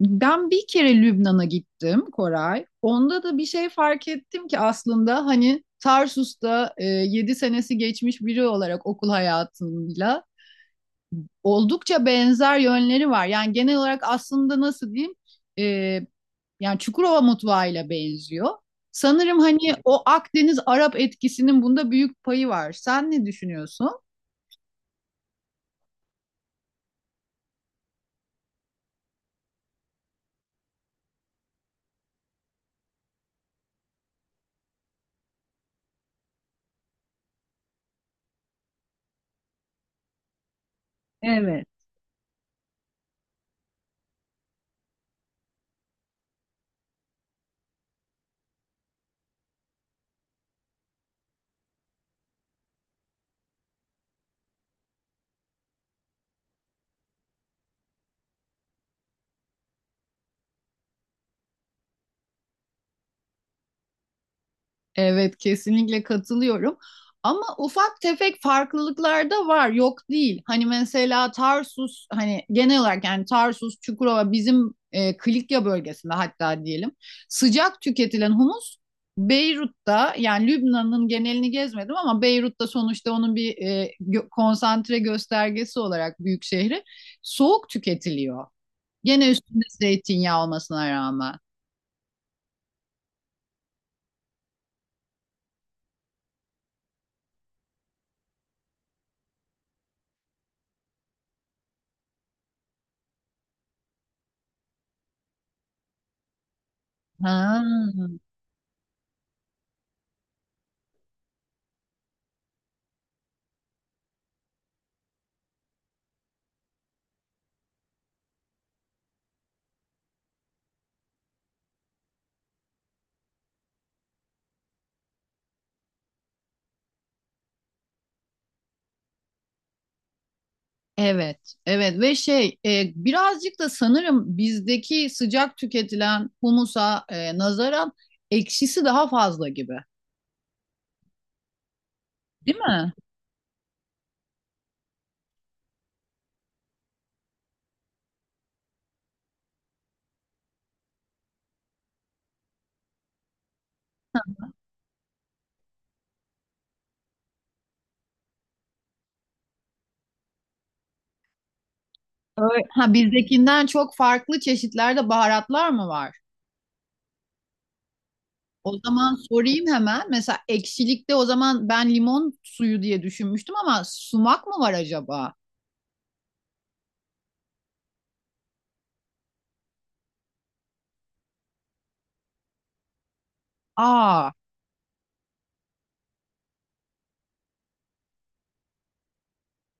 Ben bir kere Lübnan'a gittim Koray. Onda da bir şey fark ettim ki aslında hani Tarsus'ta 7 senesi geçmiş biri olarak okul hayatıyla oldukça benzer yönleri var. Yani genel olarak aslında nasıl diyeyim e, yani Çukurova mutfağıyla benziyor. Sanırım hani o Akdeniz Arap etkisinin bunda büyük payı var. Sen ne düşünüyorsun? Evet. Evet kesinlikle katılıyorum. Ama ufak tefek farklılıklar da var. Yok değil. Hani mesela Tarsus hani genel olarak yani Tarsus, Çukurova bizim Kilikya bölgesinde hatta diyelim. Sıcak tüketilen humus Beyrut'ta yani Lübnan'ın genelini gezmedim ama Beyrut'ta sonuçta onun bir konsantre göstergesi olarak büyük şehri soğuk tüketiliyor. Gene üstünde zeytinyağı olmasına rağmen. Ha. Evet, evet ve şey birazcık da sanırım bizdeki sıcak tüketilen humusa nazaran ekşisi daha fazla gibi, değil mi? Öyle. Ha bizdekinden çok farklı çeşitlerde baharatlar mı var? O zaman sorayım hemen. Mesela ekşilikte o zaman ben limon suyu diye düşünmüştüm ama sumak mı var acaba? Aa,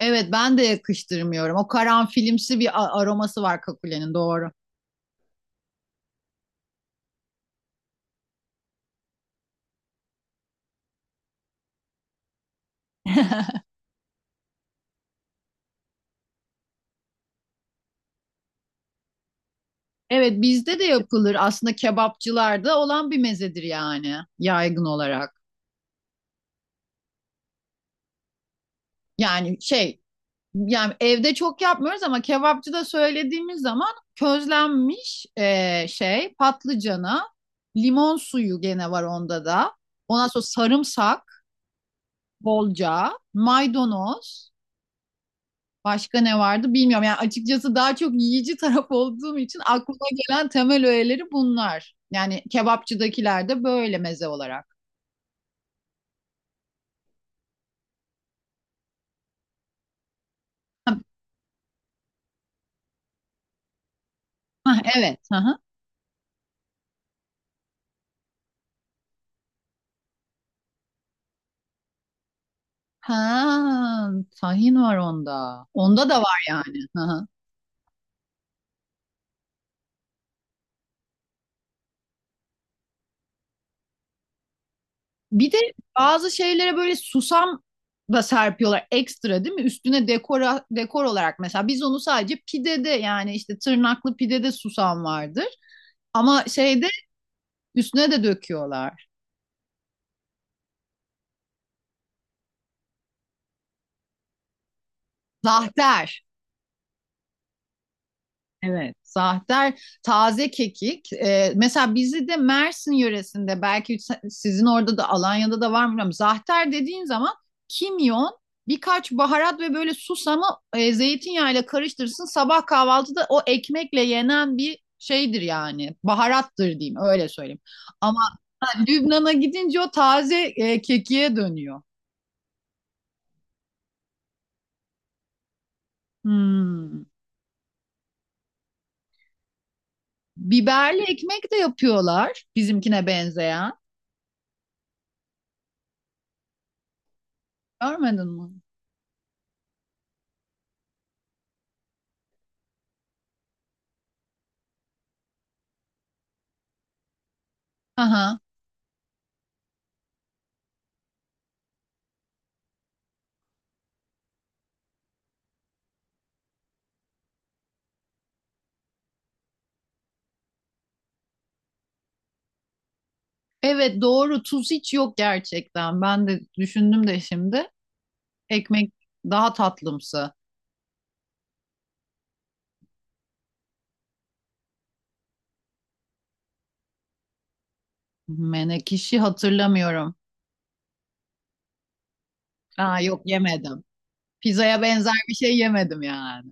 evet ben de yakıştırmıyorum. O karanfilimsi bir aroması var kakulenin doğru. Evet bizde de yapılır. Aslında kebapçılarda olan bir mezedir yani yaygın olarak. Yani şey yani evde çok yapmıyoruz ama kebapçıda söylediğimiz zaman közlenmiş şey patlıcana limon suyu gene var onda da. Ondan sonra sarımsak bolca, maydanoz, başka ne vardı bilmiyorum. Yani açıkçası daha çok yiyici taraf olduğum için aklıma gelen temel öğeleri bunlar. Yani kebapçıdakiler de böyle meze olarak. Hah, evet. Hı hı. Ha, tahin var onda. Onda da var yani. Hı hı. Bir de bazı şeylere böyle susam da serpiyorlar ekstra değil mi? Üstüne dekora, dekor olarak mesela biz onu sadece pidede yani işte tırnaklı pidede susam vardır. Ama şeyde üstüne de döküyorlar. Zahter. Evet, zahter, taze kekik. Mesela bizi de Mersin yöresinde belki sizin orada da Alanya'da da var mı bilmiyorum. Zahter dediğin zaman kimyon, birkaç baharat ve böyle susamı zeytinyağıyla karıştırırsın. Sabah kahvaltıda o ekmekle yenen bir şeydir yani. Baharattır diyeyim öyle söyleyeyim. Ama ha, Lübnan'a gidince o taze kekiğe dönüyor. Hmm. Biberli ekmek de yapıyorlar bizimkine benzeyen. Görmedin mi? Aha. Evet doğru tuz hiç yok gerçekten. Ben de düşündüm de şimdi. Ekmek daha tatlımsı. Menekşe hatırlamıyorum. Aa yok yemedim. Pizzaya benzer bir şey yemedim yani.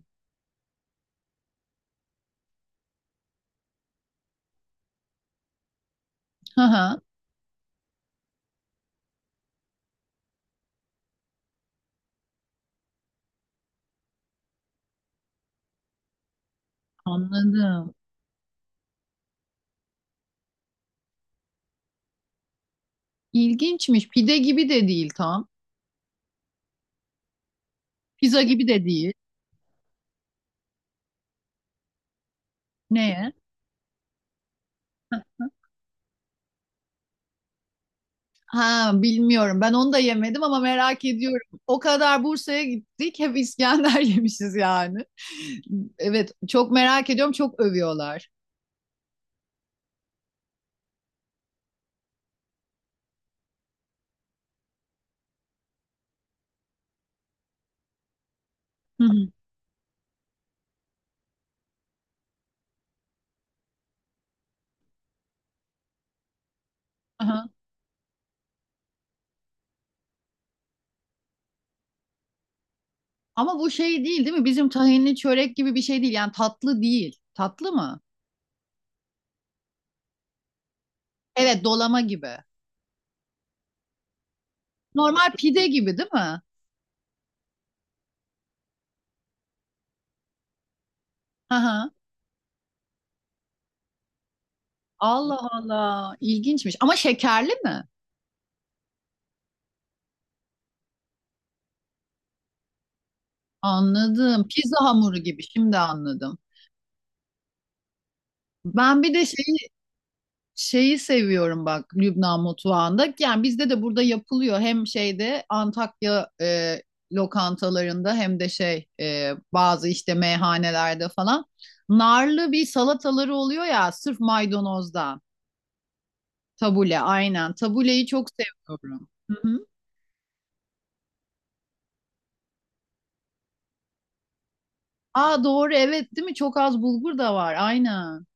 Hı hı, anladım. İlginçmiş. Pide gibi de değil tam. Pizza gibi de değil. Neye? Ha bilmiyorum. Ben onu da yemedim ama merak ediyorum. O kadar Bursa'ya gittik. Hep İskender yemişiz yani. Evet çok merak ediyorum. Çok övüyorlar. Hı hı. Ama bu şey değil değil mi? Bizim tahinli çörek gibi bir şey değil. Yani tatlı değil. Tatlı mı? Evet, dolama gibi. Normal pide gibi değil mi? Hı hı. Allah Allah. İlginçmiş. Ama şekerli mi? Anladım. Pizza hamuru gibi. Şimdi anladım. Ben bir de şey şeyi seviyorum bak Lübnan mutfağında. Yani bizde de burada yapılıyor. Hem şeyde Antakya lokantalarında hem de şey bazı işte meyhanelerde falan. Narlı bir salataları oluyor ya sırf maydanozdan. Tabule aynen. Tabuleyi çok seviyorum. Hı hı. Aa doğru evet değil mi? Çok az bulgur da var aynen.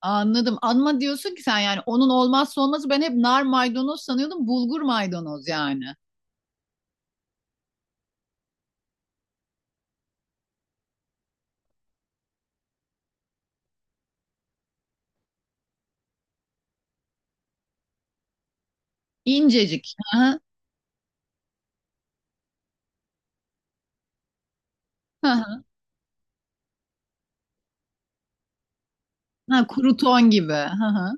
Anladım. Anma diyorsun ki sen yani onun olmazsa olmazı ben hep nar maydanoz sanıyordum. Bulgur maydanoz yani. İncecik. Hı hı. Hı hı. Ha, kuru ton gibi. Hı hı.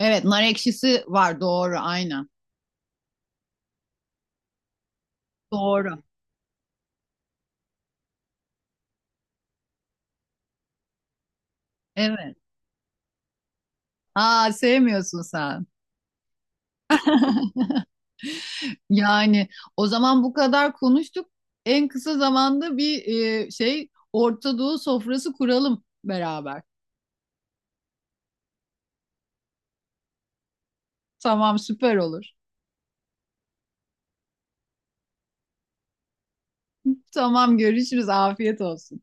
Evet, nar ekşisi var doğru aynen. Doğru. Evet. Aa sevmiyorsun sen. Yani o zaman bu kadar konuştuk. En kısa zamanda bir şey Orta Doğu sofrası kuralım beraber. Tamam süper olur. Tamam görüşürüz. Afiyet olsun.